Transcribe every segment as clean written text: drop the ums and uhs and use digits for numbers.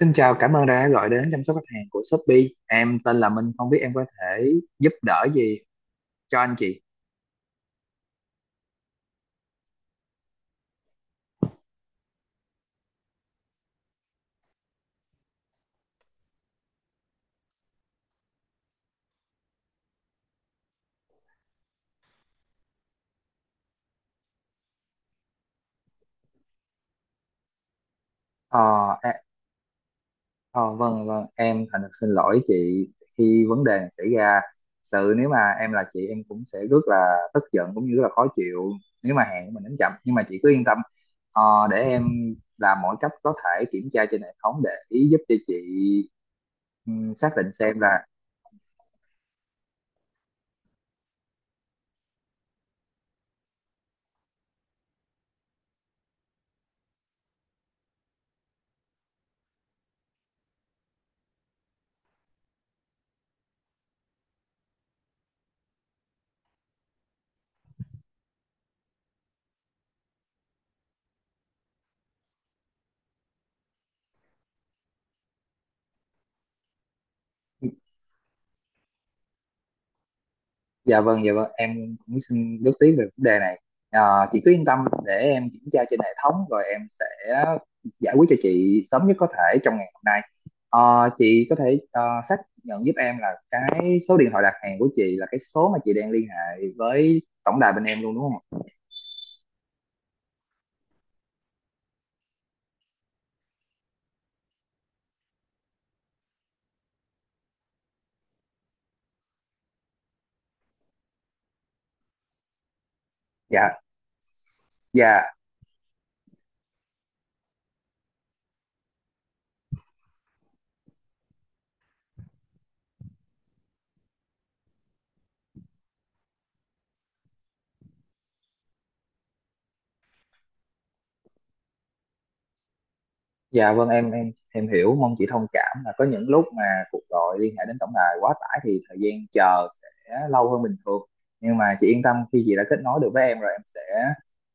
Xin chào, cảm ơn đã gọi đến chăm sóc khách hàng của Shopee. Em tên là Minh, không biết em có thể giúp đỡ gì cho anh chị. Ờ, à, ờ, vâng, vâng, em thành thật xin lỗi chị khi vấn đề này xảy ra. Nếu mà em là chị em cũng sẽ rất là tức giận cũng như rất là khó chịu nếu mà hàng của mình đến chậm. Nhưng mà chị cứ yên tâm, ờ, để em làm mọi cách có thể kiểm tra trên hệ thống để giúp cho chị xác định xem là. Dạ vâng, dạ vâng, em cũng xin góp tí về vấn đề này. Ờ, chị cứ yên tâm để em kiểm tra trên hệ thống rồi em sẽ giải quyết cho chị sớm nhất có thể trong ngày hôm nay. Chị có thể xác nhận giúp em là cái số điện thoại đặt hàng của chị là cái số mà chị đang liên hệ với tổng đài bên em luôn đúng không ạ? Dạ, dạ. Dạ vâng, em hiểu, mong chị thông cảm là có những lúc mà cuộc gọi liên hệ đến tổng đài quá tải thì thời gian chờ sẽ lâu hơn bình thường, nhưng mà chị yên tâm khi chị đã kết nối được với em rồi em sẽ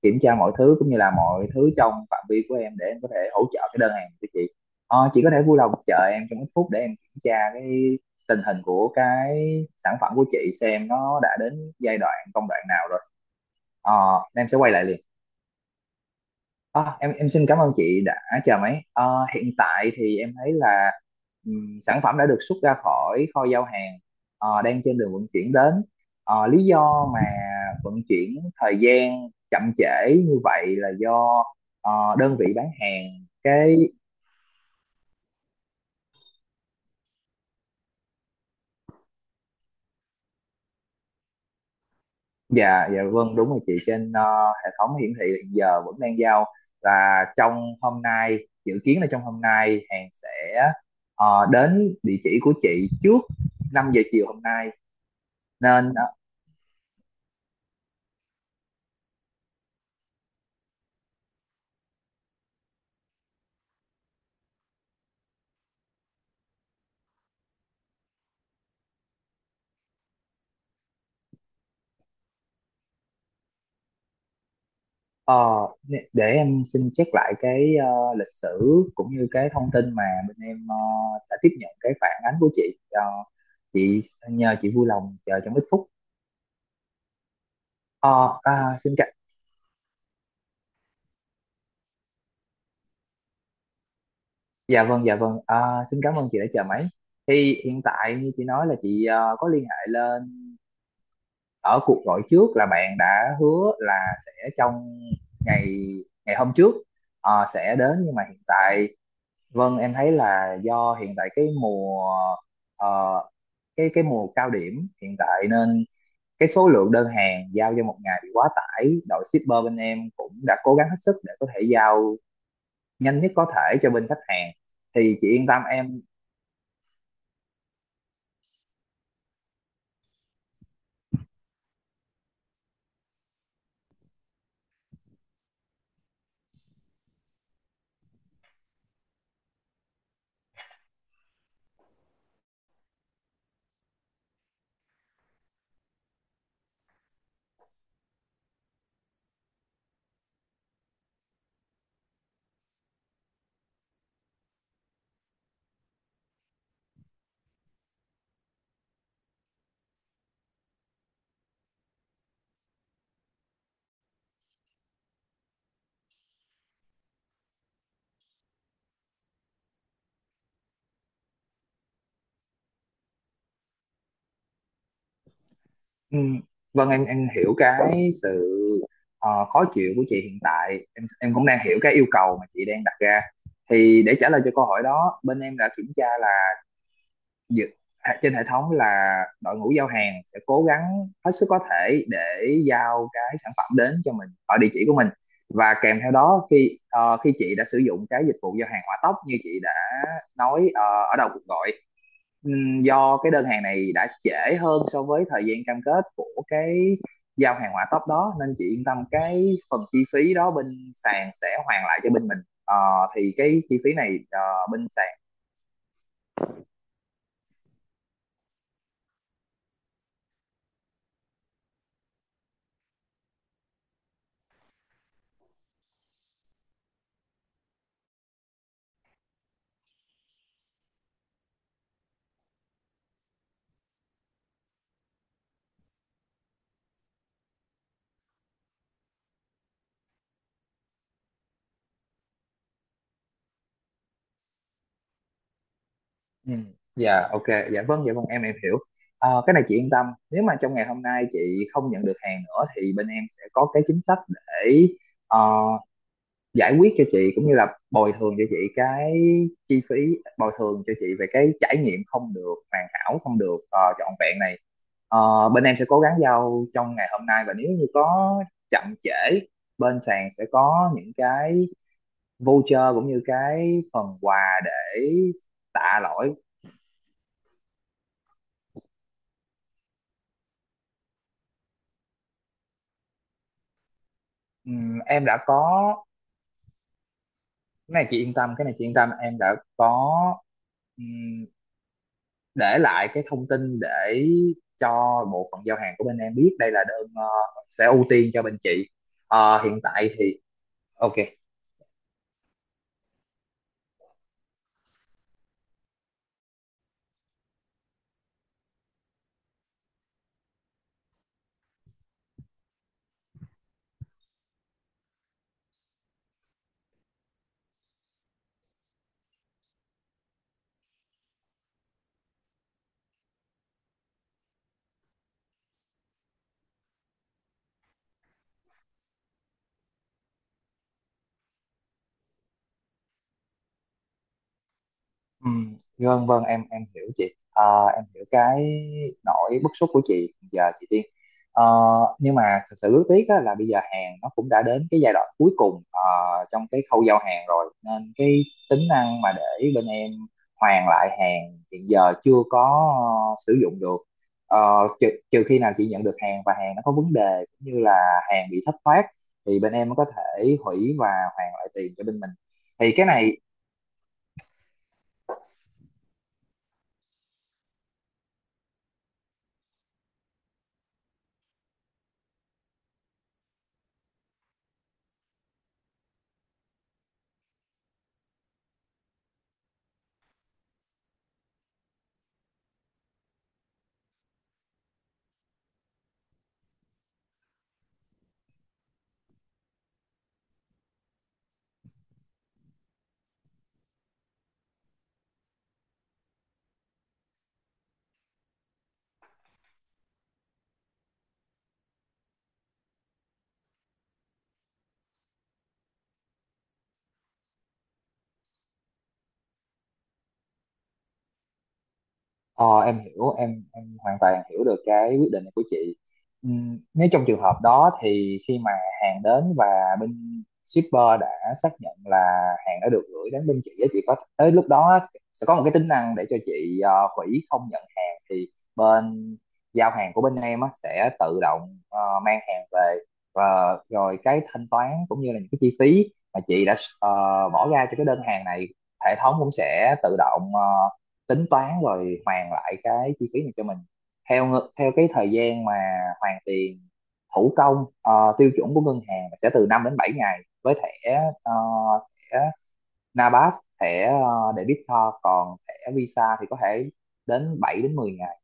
kiểm tra mọi thứ cũng như là mọi thứ trong phạm vi của em để em có thể hỗ trợ cái đơn hàng của chị. Chị có thể vui lòng chờ em trong ít phút để em kiểm tra cái tình hình của cái sản phẩm của chị xem nó đã đến giai đoạn công đoạn nào rồi. ờ, em sẽ quay lại liền. Em xin cảm ơn chị đã chờ máy. Ờ, Hiện tại thì em thấy là sản phẩm đã được xuất ra khỏi kho giao hàng, đang trên đường vận chuyển đến. Lý do mà vận chuyển thời gian chậm trễ như vậy là do đơn vị bán hàng cái. Dạ, dạ, vâng, đúng rồi chị, trên hệ thống hiển thị hiện giờ vẫn đang giao là trong hôm nay, dự kiến là trong hôm nay hàng sẽ đến địa chỉ của chị trước 5 giờ chiều hôm nay, nên ờ, để em xin check lại cái lịch sử cũng như cái thông tin mà bên em đã tiếp nhận cái phản ánh của chị. Ờ, chị, nhờ chị vui lòng chờ trong ít phút. Ờ, à, xin cảm Dạ vâng, dạ vâng. Ờ, Xin cảm ơn chị đã chờ máy, thì hiện tại như chị nói là chị có liên hệ lên ở cuộc gọi trước là bạn đã hứa là sẽ trong ngày, hôm trước sẽ đến, nhưng mà hiện tại. Vâng, em thấy là do hiện tại cái mùa ờ, cái mùa cao điểm hiện tại nên cái số lượng đơn hàng giao cho một ngày bị quá tải. Đội shipper bên em cũng đã cố gắng hết sức để có thể giao nhanh nhất có thể cho bên khách hàng. Thì chị yên tâm em. ừm, vâng, em hiểu cái sự khó chịu của chị hiện tại. Em cũng đang hiểu cái yêu cầu mà chị đang đặt ra. Thì để trả lời cho câu hỏi đó, bên em đã kiểm tra là dự, trên hệ thống là đội ngũ giao hàng sẽ cố gắng hết sức có thể để giao cái sản phẩm đến cho mình ở địa chỉ của mình, và kèm theo đó khi chị đã sử dụng cái dịch vụ giao hàng hỏa tốc như chị đã nói ở đầu cuộc gọi. Do cái đơn hàng này đã trễ hơn so với thời gian cam kết của cái giao hàng hỏa tốc đó nên chị yên tâm cái phần chi phí đó bên sàn sẽ hoàn lại cho bên mình. Ờ, thì cái chi phí này bên sàn. Ừ. Dạ ok, dạ vâng, dạ vâng, em hiểu. Cái này chị yên tâm, nếu mà trong ngày hôm nay chị không nhận được hàng nữa thì bên em sẽ có cái chính sách để ờ, giải quyết cho chị cũng như là bồi thường cho chị cái chi phí, bồi thường cho chị về cái trải nghiệm không được hoàn hảo, không được trọn vẹn này. Bên em sẽ cố gắng giao trong ngày hôm nay và nếu như có chậm trễ bên sàn sẽ có những cái voucher cũng như cái phần quà để tạ lỗi. Em đã có, cái này chị yên tâm, em đã có ừm, để lại cái thông tin để cho bộ phận giao hàng của bên em biết đây là đơn sẽ ưu tiên cho bên chị. Hiện tại thì ok. Ừ, vâng, vâng, em hiểu chị à, em hiểu cái nỗi bức xúc của chị giờ chị Tiên. Ờ, nhưng mà thật sự rất tiếc á, là bây giờ hàng nó cũng đã đến cái giai đoạn cuối cùng trong cái khâu giao hàng rồi nên cái tính năng mà để bên em hoàn lại hàng hiện giờ chưa có sử dụng được. Trừ khi nào chị nhận được hàng và hàng nó có vấn đề cũng như là hàng bị thất thoát thì bên em mới có thể hủy và hoàn lại tiền cho bên mình, thì cái này. Ờ, em hiểu, em hoàn toàn hiểu được cái quyết định này của chị. Nếu trong trường hợp đó thì khi mà hàng đến và bên shipper đã xác nhận là hàng đã được gửi đến bên chị á, chị có tới lúc đó á, sẽ có một cái tính năng để cho chị hủy không nhận hàng thì bên giao hàng của bên em á, sẽ tự động mang hàng về, và rồi cái thanh toán cũng như là những cái chi phí mà chị đã ờ, bỏ ra cho cái đơn hàng này, hệ thống cũng sẽ tự động tính toán rồi hoàn lại cái chi phí này cho mình theo theo cái thời gian mà hoàn tiền thủ công, tiêu chuẩn của ngân hàng sẽ từ 5 đến 7 ngày với ờ, thẻ NABAS, thẻ debit card, còn thẻ Visa thì có thể đến 7 đến 10 ngày.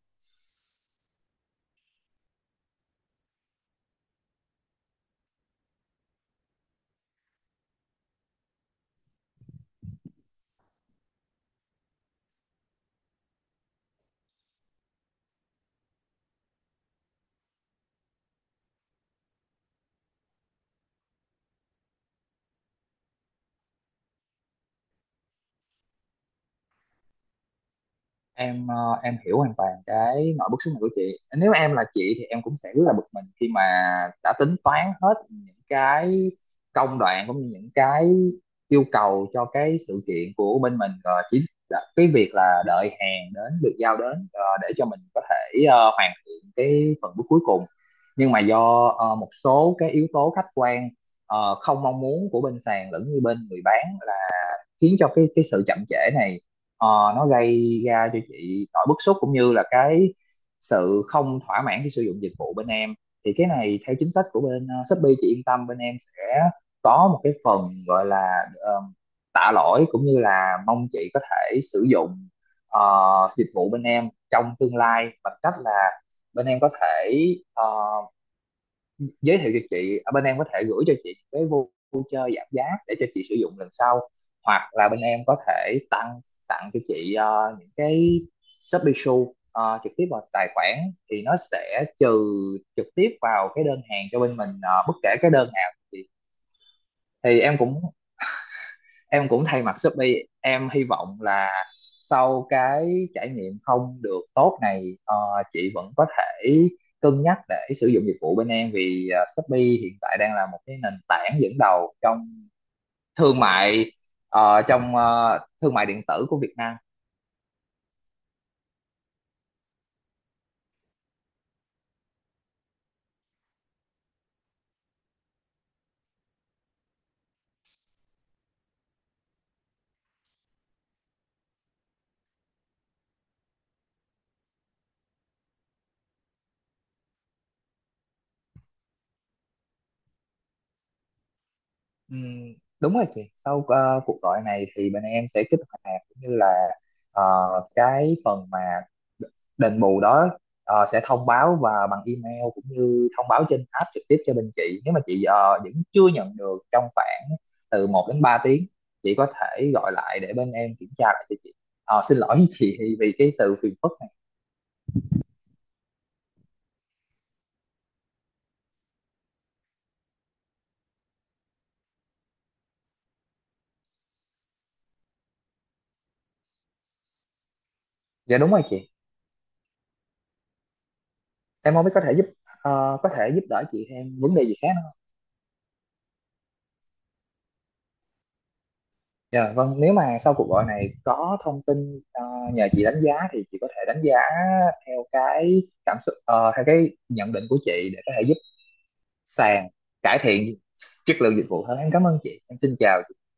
Em hiểu hoàn toàn cái nỗi bức xúc này của chị, nếu em là chị thì em cũng sẽ rất là bực mình khi mà đã tính toán hết những cái công đoạn cũng như những cái yêu cầu cho cái sự kiện của bên mình, rồi chỉ là cái việc là đợi hàng đến được giao đến để cho mình có thể hoàn thiện cái phần bước cuối cùng, nhưng mà do một số cái yếu tố khách quan không mong muốn của bên sàn lẫn như bên người bán khiến cho cái sự chậm trễ này ờ, nó gây ra cho chị nỗi bức xúc cũng như là cái sự không thỏa mãn khi sử dụng dịch vụ bên em. Thì cái này theo chính sách của bên Shopee, chị yên tâm bên em sẽ có một cái phần gọi là tạ lỗi cũng như là mong chị có thể sử dụng ờ, dịch vụ bên em trong tương lai, bằng cách là bên em có thể ờ, giới thiệu cho chị, ở bên em có thể gửi cho chị cái voucher giảm giá để cho chị sử dụng lần sau, hoặc là bên em có thể tăng tặng cho chị những cái Shopee Shop trực tiếp vào tài khoản thì nó sẽ trừ trực tiếp vào cái đơn hàng cho bên mình bất kể cái đơn nào thì em cũng thay mặt Shopee em hy vọng là sau cái trải nghiệm không được tốt này chị vẫn có thể cân nhắc để sử dụng dịch vụ bên em vì Shopee hiện tại đang là một cái nền tảng dẫn đầu trong thương mại ờ, trong ờ, thương mại điện tử của Việt Nam. Ừm, Đúng rồi chị, sau cuộc gọi này thì bên em sẽ kích hoạt cũng như là ờ, cái phần mà đền bù đó sẽ thông báo và bằng email cũng như thông báo trên app trực tiếp cho bên chị, nếu mà chị vẫn chưa nhận được trong khoảng từ 1 đến 3 tiếng chị có thể gọi lại để bên em kiểm tra lại cho chị. Xin lỗi với chị vì cái sự phiền phức này. Dạ đúng rồi chị. Em không biết có thể giúp có thể giúp đỡ chị em vấn đề gì khác không. Dạ vâng, nếu mà sau cuộc gọi này có thông tin nhờ chị đánh giá thì chị có thể đánh giá theo cái cảm xúc, theo cái nhận định của chị để có thể giúp sàn cải thiện chất lượng dịch vụ hơn. Em cảm ơn chị, em xin chào chị.